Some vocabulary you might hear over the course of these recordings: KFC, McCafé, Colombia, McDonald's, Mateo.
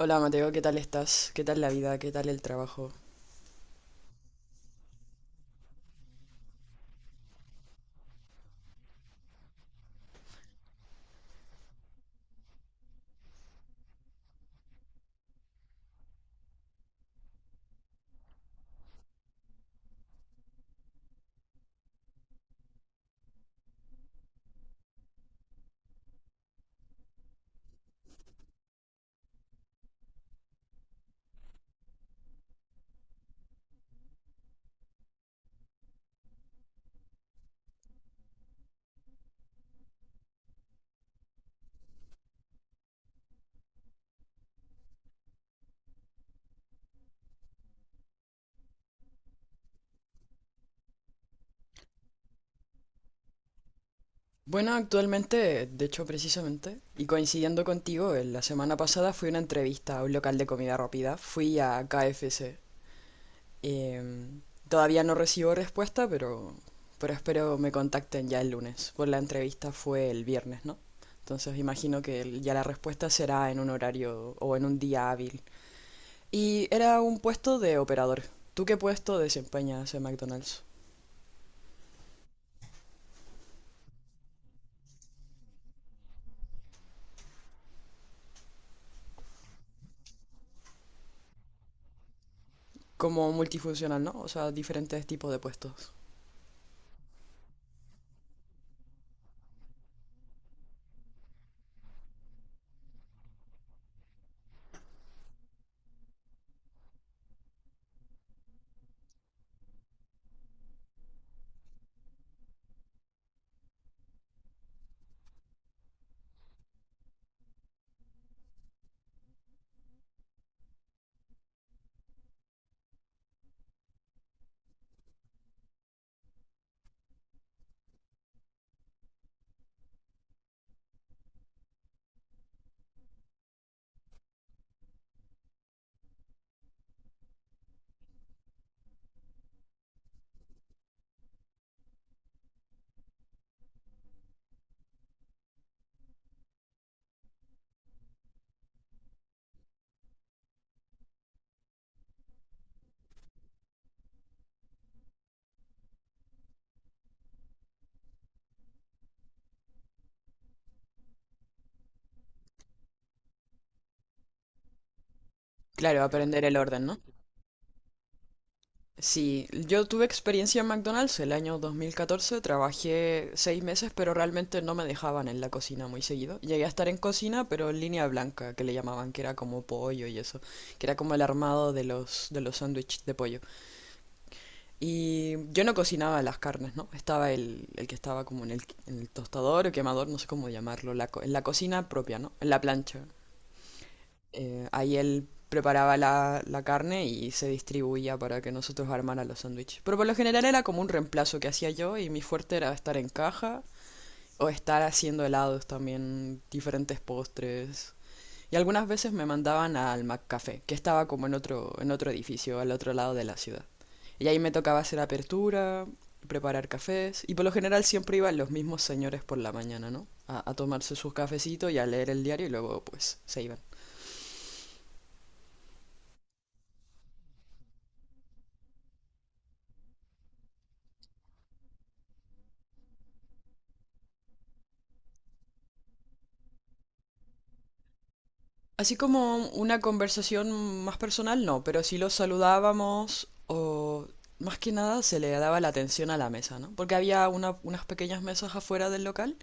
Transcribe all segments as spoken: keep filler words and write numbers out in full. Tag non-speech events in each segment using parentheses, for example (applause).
Hola Mateo, ¿qué tal estás? ¿Qué tal la vida? ¿Qué tal el trabajo? Bueno, actualmente, de hecho precisamente, y coincidiendo contigo, en la semana pasada fui a una entrevista a un local de comida rápida, fui a K F C. Em, Todavía no recibo respuesta, pero, pero espero me contacten ya el lunes, pues la entrevista fue el viernes, ¿no? Entonces imagino que el- ya la respuesta será en un horario o en un día hábil. Y era un puesto de operador. ¿Tú qué puesto desempeñas en McDonald's? Como multifuncional, ¿no? O sea, diferentes tipos de puestos. Claro, aprender el orden, ¿no? Sí, yo tuve experiencia en McDonald's el año dos mil catorce, trabajé seis meses, pero realmente no me dejaban en la cocina muy seguido. Llegué a estar en cocina, pero en línea blanca, que le llamaban, que era como pollo y eso, que era como el armado de los de los sándwiches de pollo. Y yo no cocinaba las carnes, ¿no? Estaba el, el que estaba como en el, en el tostador o quemador, no sé cómo llamarlo, la co- en la cocina propia, ¿no? En la plancha. Eh, ahí él preparaba la, la carne y se distribuía para que nosotros armara los sándwiches. Pero por lo general era como un reemplazo que hacía yo y mi fuerte era estar en caja o estar haciendo helados también, diferentes postres. Y algunas veces me mandaban al McCafé, que estaba como en otro, en otro edificio, al otro lado de la ciudad. Y ahí me tocaba hacer apertura, preparar cafés, y por lo general siempre iban los mismos señores por la mañana, ¿no? A, a tomarse sus cafecitos y a leer el diario y luego pues se iban. Así como una conversación más personal, no, pero sí los saludábamos o más que nada se le daba la atención a la mesa, ¿no? Porque había una- unas pequeñas mesas afuera del local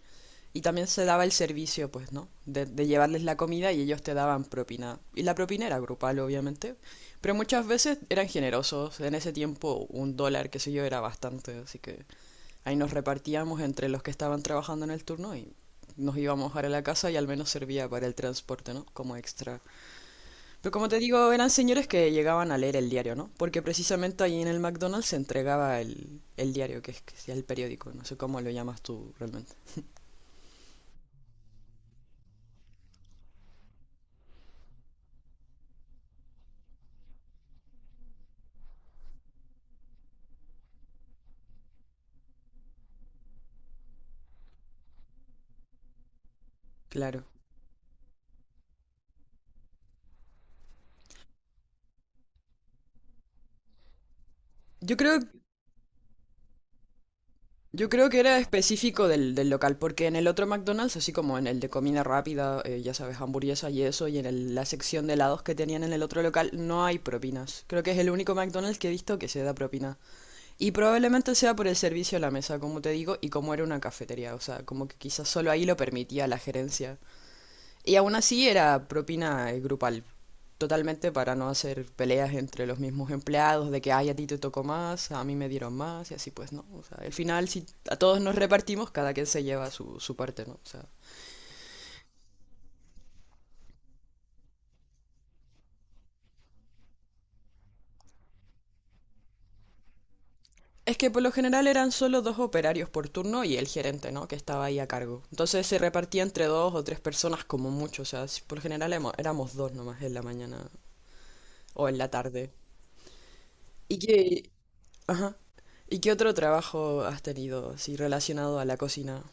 y también se daba el servicio, pues, ¿no? De, de llevarles la comida y ellos te daban propina. Y la propina era grupal, obviamente, pero muchas veces eran generosos. En ese tiempo un dólar, qué sé yo, era bastante, así que ahí nos repartíamos entre los que estaban trabajando en el turno y nos íbamos ahora a la casa y al menos servía para el transporte, ¿no? Como extra. Pero como te digo, eran señores que llegaban a leer el diario, ¿no? Porque precisamente ahí en el McDonald's se entregaba el, el diario, que es que sea el periódico, no sé cómo lo llamas tú realmente. Claro. Yo creo Yo creo que era específico del, del local, porque en el otro McDonald's, así como en el de comida rápida, eh, ya sabes, hamburguesa y eso, y en el- la sección de helados que tenían en el otro local, no hay propinas. Creo que es el único McDonald's que he visto que se da propina. Y probablemente sea por el servicio a la mesa, como te digo, y como era una cafetería, o sea, como que quizás solo ahí lo permitía la gerencia. Y aún así era propina, eh, grupal, totalmente para no hacer peleas entre los mismos empleados, de que, ay, a ti te tocó más, a mí me dieron más, y así pues, ¿no? O sea, al final, si a todos nos repartimos, cada quien se lleva su, su parte, ¿no? O sea, es que por lo general eran solo dos operarios por turno y el gerente, ¿no? Que estaba ahí a cargo. Entonces se repartía entre dos o tres personas como mucho, o sea, si- por lo general emo- éramos dos nomás en la mañana o en la tarde. ¿Y qué, ajá, ¿y qué otro trabajo has tenido, así relacionado a la cocina?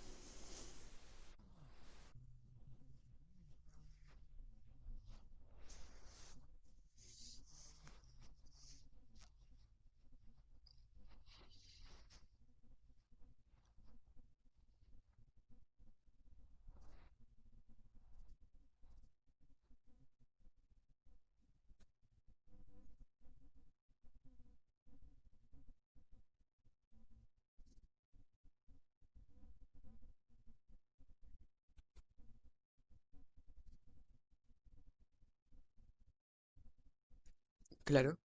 Claro.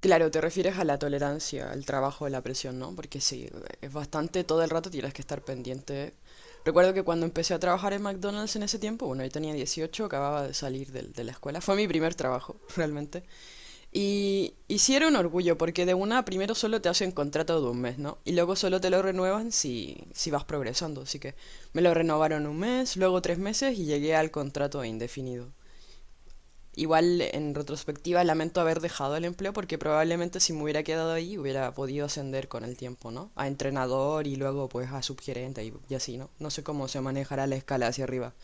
Claro, te refieres a la tolerancia, al trabajo, a la presión, ¿no? Porque sí, es bastante, todo el rato tienes que estar pendiente. Recuerdo que cuando empecé a trabajar en McDonald's en ese tiempo, bueno, yo tenía dieciocho, acababa de salir del- de, la escuela, fue mi primer trabajo, (laughs) realmente. Y, y sí era un orgullo, porque de una primero solo te hacen contrato de un mes, ¿no? Y luego solo te lo renuevan si, si vas progresando. Así que me lo renovaron un mes, luego tres meses y llegué al contrato indefinido. Igual en retrospectiva lamento haber dejado el empleo porque probablemente si me hubiera quedado ahí hubiera podido ascender con el tiempo, ¿no? A entrenador y luego pues a subgerente y, y así, ¿no? No sé cómo se manejará la escala hacia arriba.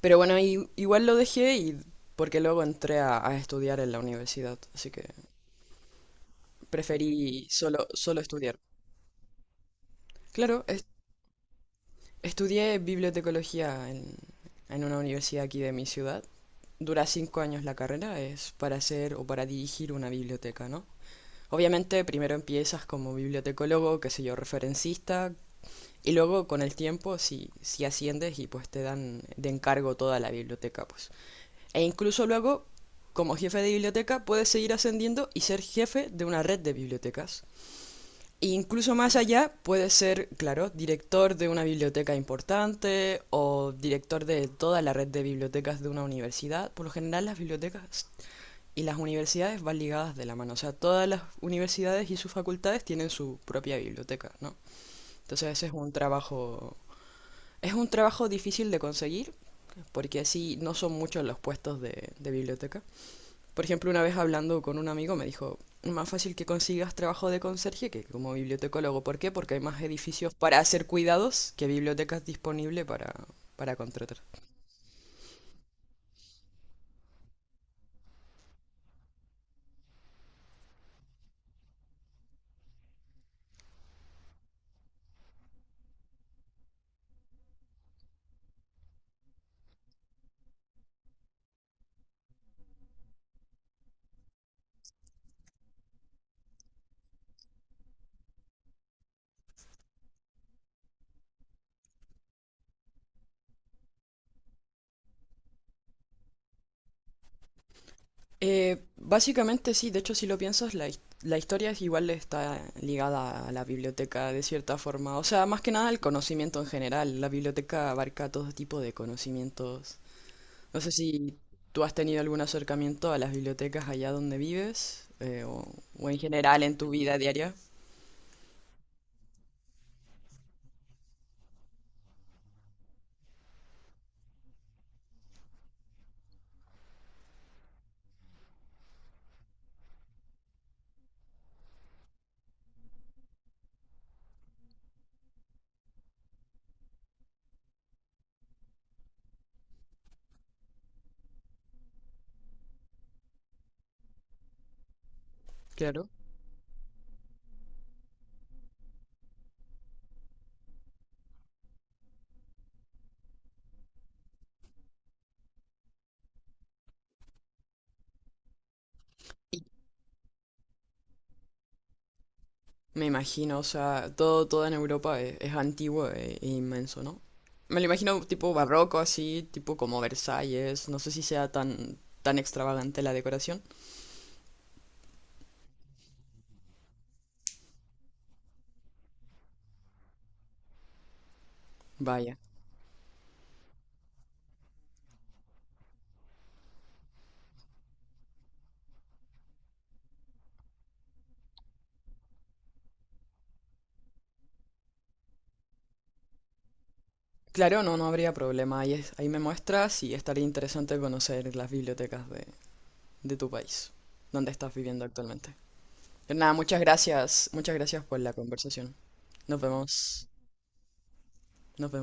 Pero bueno, i- igual lo dejé y porque luego entré a, a estudiar en la universidad, así que preferí solo, solo estudiar. Claro, es- estudié bibliotecología en, en una universidad aquí de mi ciudad. Dura cinco años la carrera, es para hacer o para dirigir una biblioteca, ¿no? Obviamente primero empiezas como bibliotecólogo, qué sé yo, referencista, y luego con el tiempo si, si asciendes y pues te dan de encargo toda la biblioteca, pues. E incluso luego, como jefe de biblioteca, puedes seguir ascendiendo y ser jefe de una red de bibliotecas. E incluso más allá, puedes ser, claro, director de una biblioteca importante o director de toda la red de bibliotecas de una universidad. Por lo general las bibliotecas y las universidades van ligadas de la mano, o sea, todas las universidades y sus facultades tienen su propia biblioteca, ¿no? Entonces ese es un trabajo, es un trabajo difícil de conseguir, porque así no son muchos los puestos de, de biblioteca. Por ejemplo, una vez hablando con un amigo me dijo, más fácil que consigas trabajo de conserje que como bibliotecólogo. ¿Por qué? Porque hay más edificios para hacer cuidados que bibliotecas disponibles para, para contratar. Eh, básicamente sí, de hecho si lo piensas, la, his- la historia es igual está ligada a la biblioteca de cierta forma, o sea, más que nada el conocimiento en general, la biblioteca abarca todo tipo de conocimientos. No sé si tú has tenido algún acercamiento a las bibliotecas allá donde vives, eh, o, o en general en tu vida diaria. Claro. Me imagino, o sea, todo, todo en Europa e- es antiguo e, e inmenso, ¿no? Me lo imagino tipo barroco así, tipo como Versalles, no sé si sea tan, tan extravagante la decoración. Vaya. Claro, no, no habría problema, ahí, es- ahí me muestras y estaría interesante conocer las bibliotecas de, de tu país, donde estás viviendo actualmente. Pero nada, muchas gracias, muchas gracias por la conversación. Nos vemos, nos vemos.